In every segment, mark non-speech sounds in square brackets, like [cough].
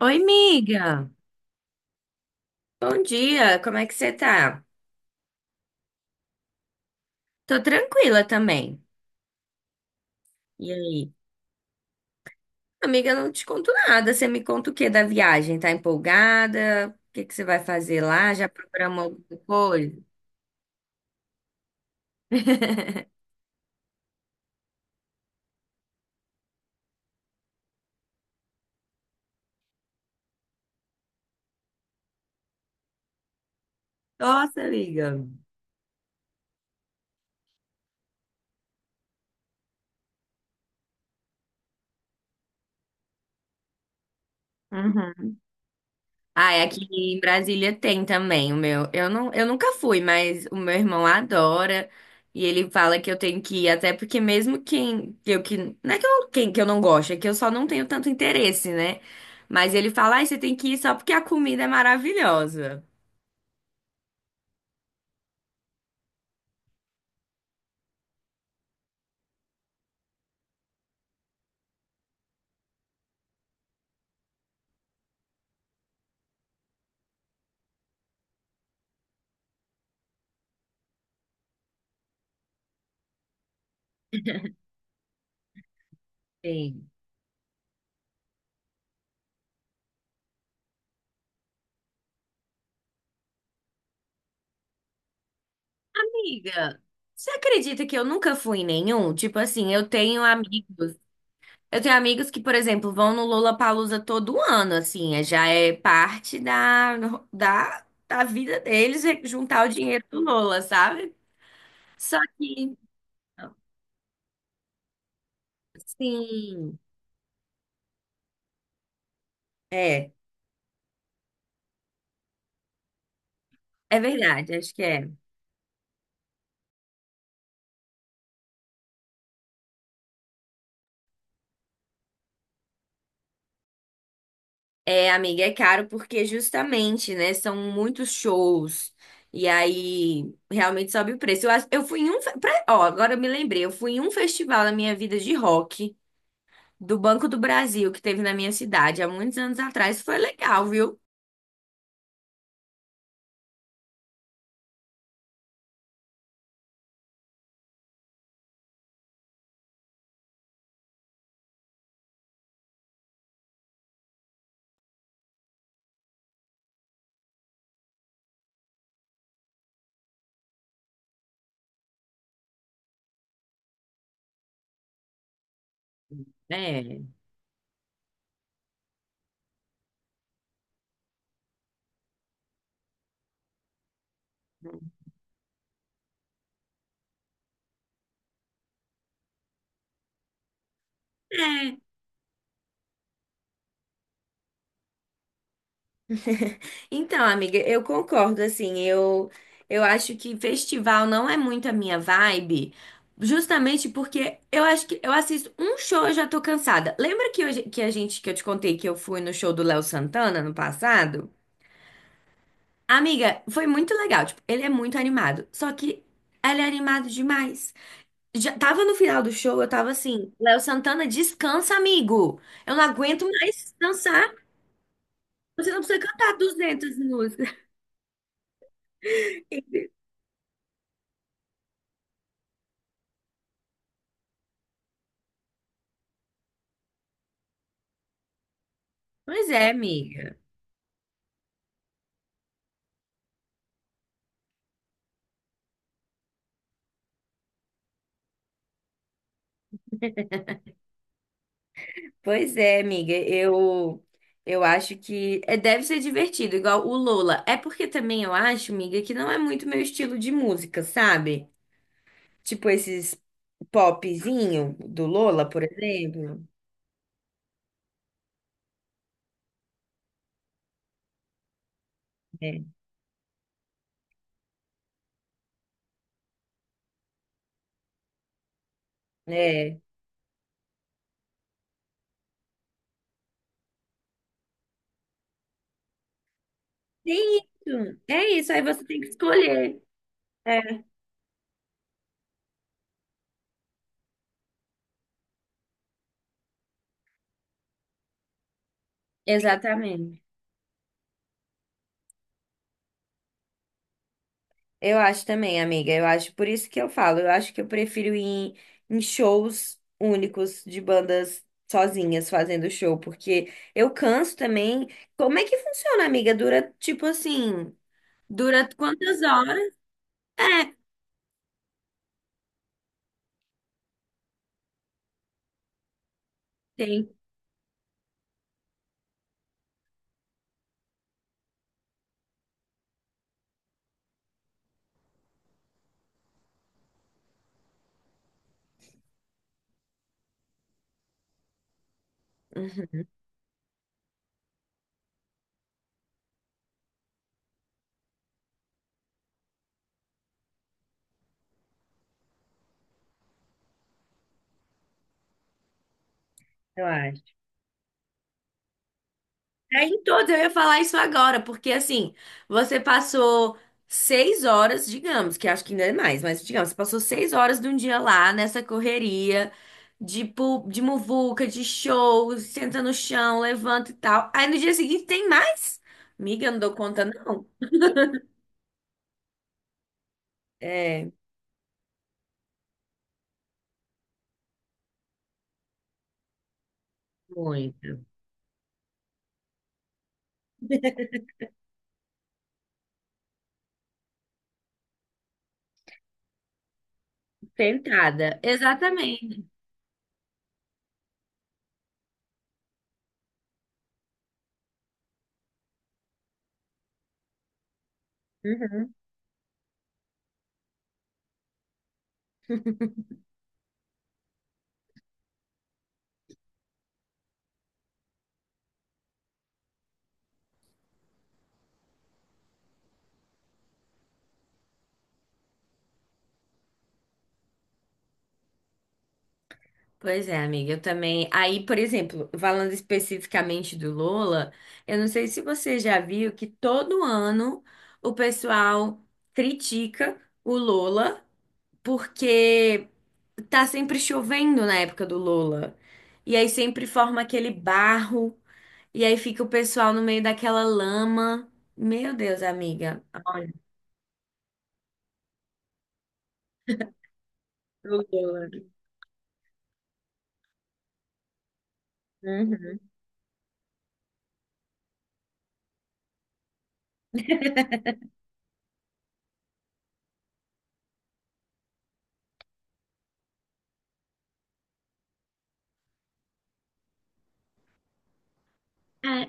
Oi, amiga. Bom dia, como é que você tá? Tô tranquila também. E aí? Amiga, eu não te conto nada. Você me conta o que da viagem? Tá empolgada? O que que você vai fazer lá? Já programou alguma coisa? Nossa, amiga. Uhum. Ah, é aqui em Brasília tem também o meu. Eu nunca fui, mas o meu irmão adora e ele fala que eu tenho que ir, até porque mesmo quem eu que não é que eu, quem que eu não gosto, é que eu só não tenho tanto interesse, né? Mas ele fala, ai, você tem que ir só porque a comida é maravilhosa. Sim. Amiga, você acredita que eu nunca fui em nenhum? Tipo assim, eu tenho amigos. Eu tenho amigos que, por exemplo, vão no Lollapalooza todo ano, assim, já é parte da vida deles, é juntar o dinheiro do Lola, sabe? Só que, sim, é, é verdade, acho que é. É, amiga, é caro porque justamente, né, são muitos shows e aí realmente sobe o preço. Eu fui em um, ó, agora eu me lembrei, eu fui em um festival na minha vida de rock do Banco do Brasil que teve na minha cidade há muitos anos atrás, foi legal, viu? É. [laughs] Então, amiga, eu concordo, assim, eu acho que festival não é muito a minha vibe, justamente porque eu acho que eu assisto um show e já tô cansada. Lembra que, hoje, que eu te contei que eu fui no show do Léo Santana no passado? Amiga, foi muito legal, tipo, ele é muito animado, só que ele é animado demais. Já tava no final do show, eu tava assim, Léo Santana, descansa, amigo, eu não aguento mais dançar. Você não precisa cantar 200 músicas. Pois é, amiga. Pois é, amiga. Eu acho que é, deve ser divertido, igual o Lola. É porque também eu acho, amiga, que não é muito meu estilo de música, sabe? Tipo esses popzinho do Lola, por exemplo. É. É. Tem isso. É isso. Aí você tem que escolher. É. Exatamente. Eu acho também, amiga. Eu acho, por isso que eu falo, eu acho que eu prefiro ir em shows únicos de bandas sozinhas fazendo show, porque eu canso também. Como é que funciona, amiga? Dura quantas horas? É, tem. Uhum, eu acho. É em todos, eu ia falar isso agora, porque assim, você passou seis horas, digamos, que acho que ainda é mais, mas digamos, você passou seis horas de um dia lá nessa correria de, de muvuca, de show, senta no chão, levanta e tal. Aí no dia seguinte tem mais? Miga, eu não dou conta, não. É, muito. Tentada, exatamente. Uhum. Pois é, amiga, eu também. Aí, por exemplo, falando especificamente do Lola, eu não sei se você já viu que todo ano o pessoal critica o Lola porque tá sempre chovendo na época do Lola. E aí sempre forma aquele barro, e aí fica o pessoal no meio daquela lama. Meu Deus, amiga. Olha, o Lola. Uhum. É.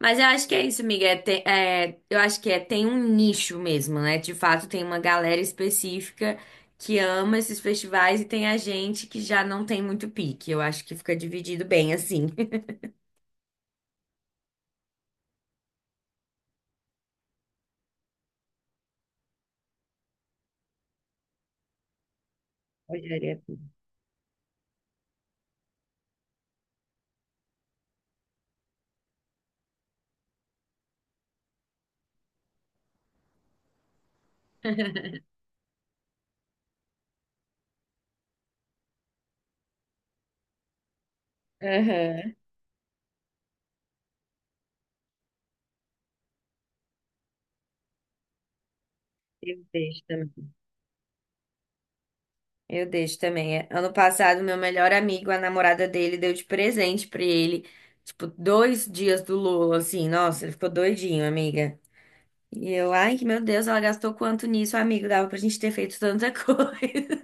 Mas eu acho que é isso, amiga. Eu acho que é, tem um nicho mesmo, né? De fato, tem uma galera específica que ama esses festivais e tem a gente que já não tem muito pique. Eu acho que fica dividido bem assim. [laughs] Olharia tudo. Aham, eu deixo também. Eu deixo também. É. Ano passado, meu melhor amigo, a namorada dele, deu de presente pra ele, tipo, dois dias do Lula, assim. Nossa, ele ficou doidinho, amiga. E eu, ai, meu Deus, ela gastou quanto nisso, amigo? Dava pra gente ter feito tanta [laughs] coisa.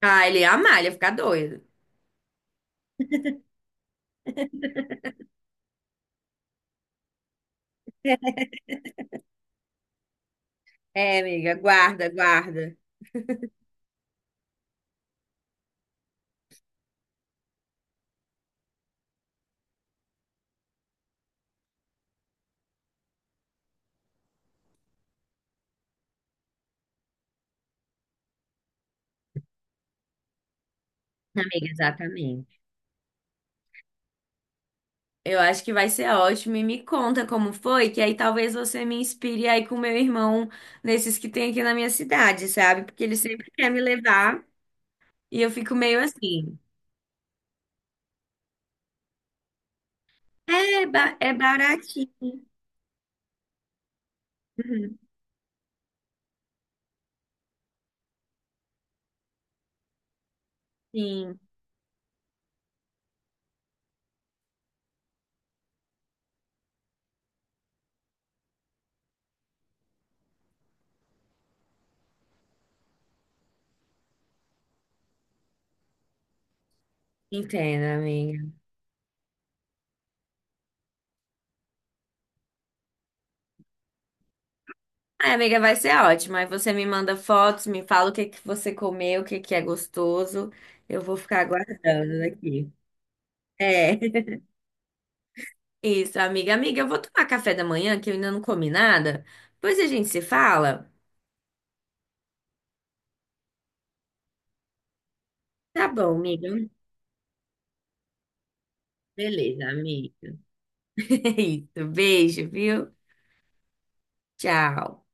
Ah, ele ia amar, ele ia ficar doido. É, amiga, guarda, guarda. Amiga, exatamente. Eu acho que vai ser ótimo e me conta como foi, que aí talvez você me inspire aí com meu irmão nesses que tem aqui na minha cidade, sabe? Porque ele sempre quer me levar e eu fico meio assim, é, é baratinho. Uhum. Sim, entendo, amiga. Ai, amiga, vai ser ótimo. Aí você me manda fotos, me fala o que que você comeu, o que que é gostoso. Eu vou ficar aguardando aqui. É. Isso, amiga. Amiga, eu vou tomar café da manhã, que eu ainda não comi nada. Depois a gente se fala. Tá bom, amiga. Beleza, amiga. [laughs] É isso. Beijo, viu? Tchau.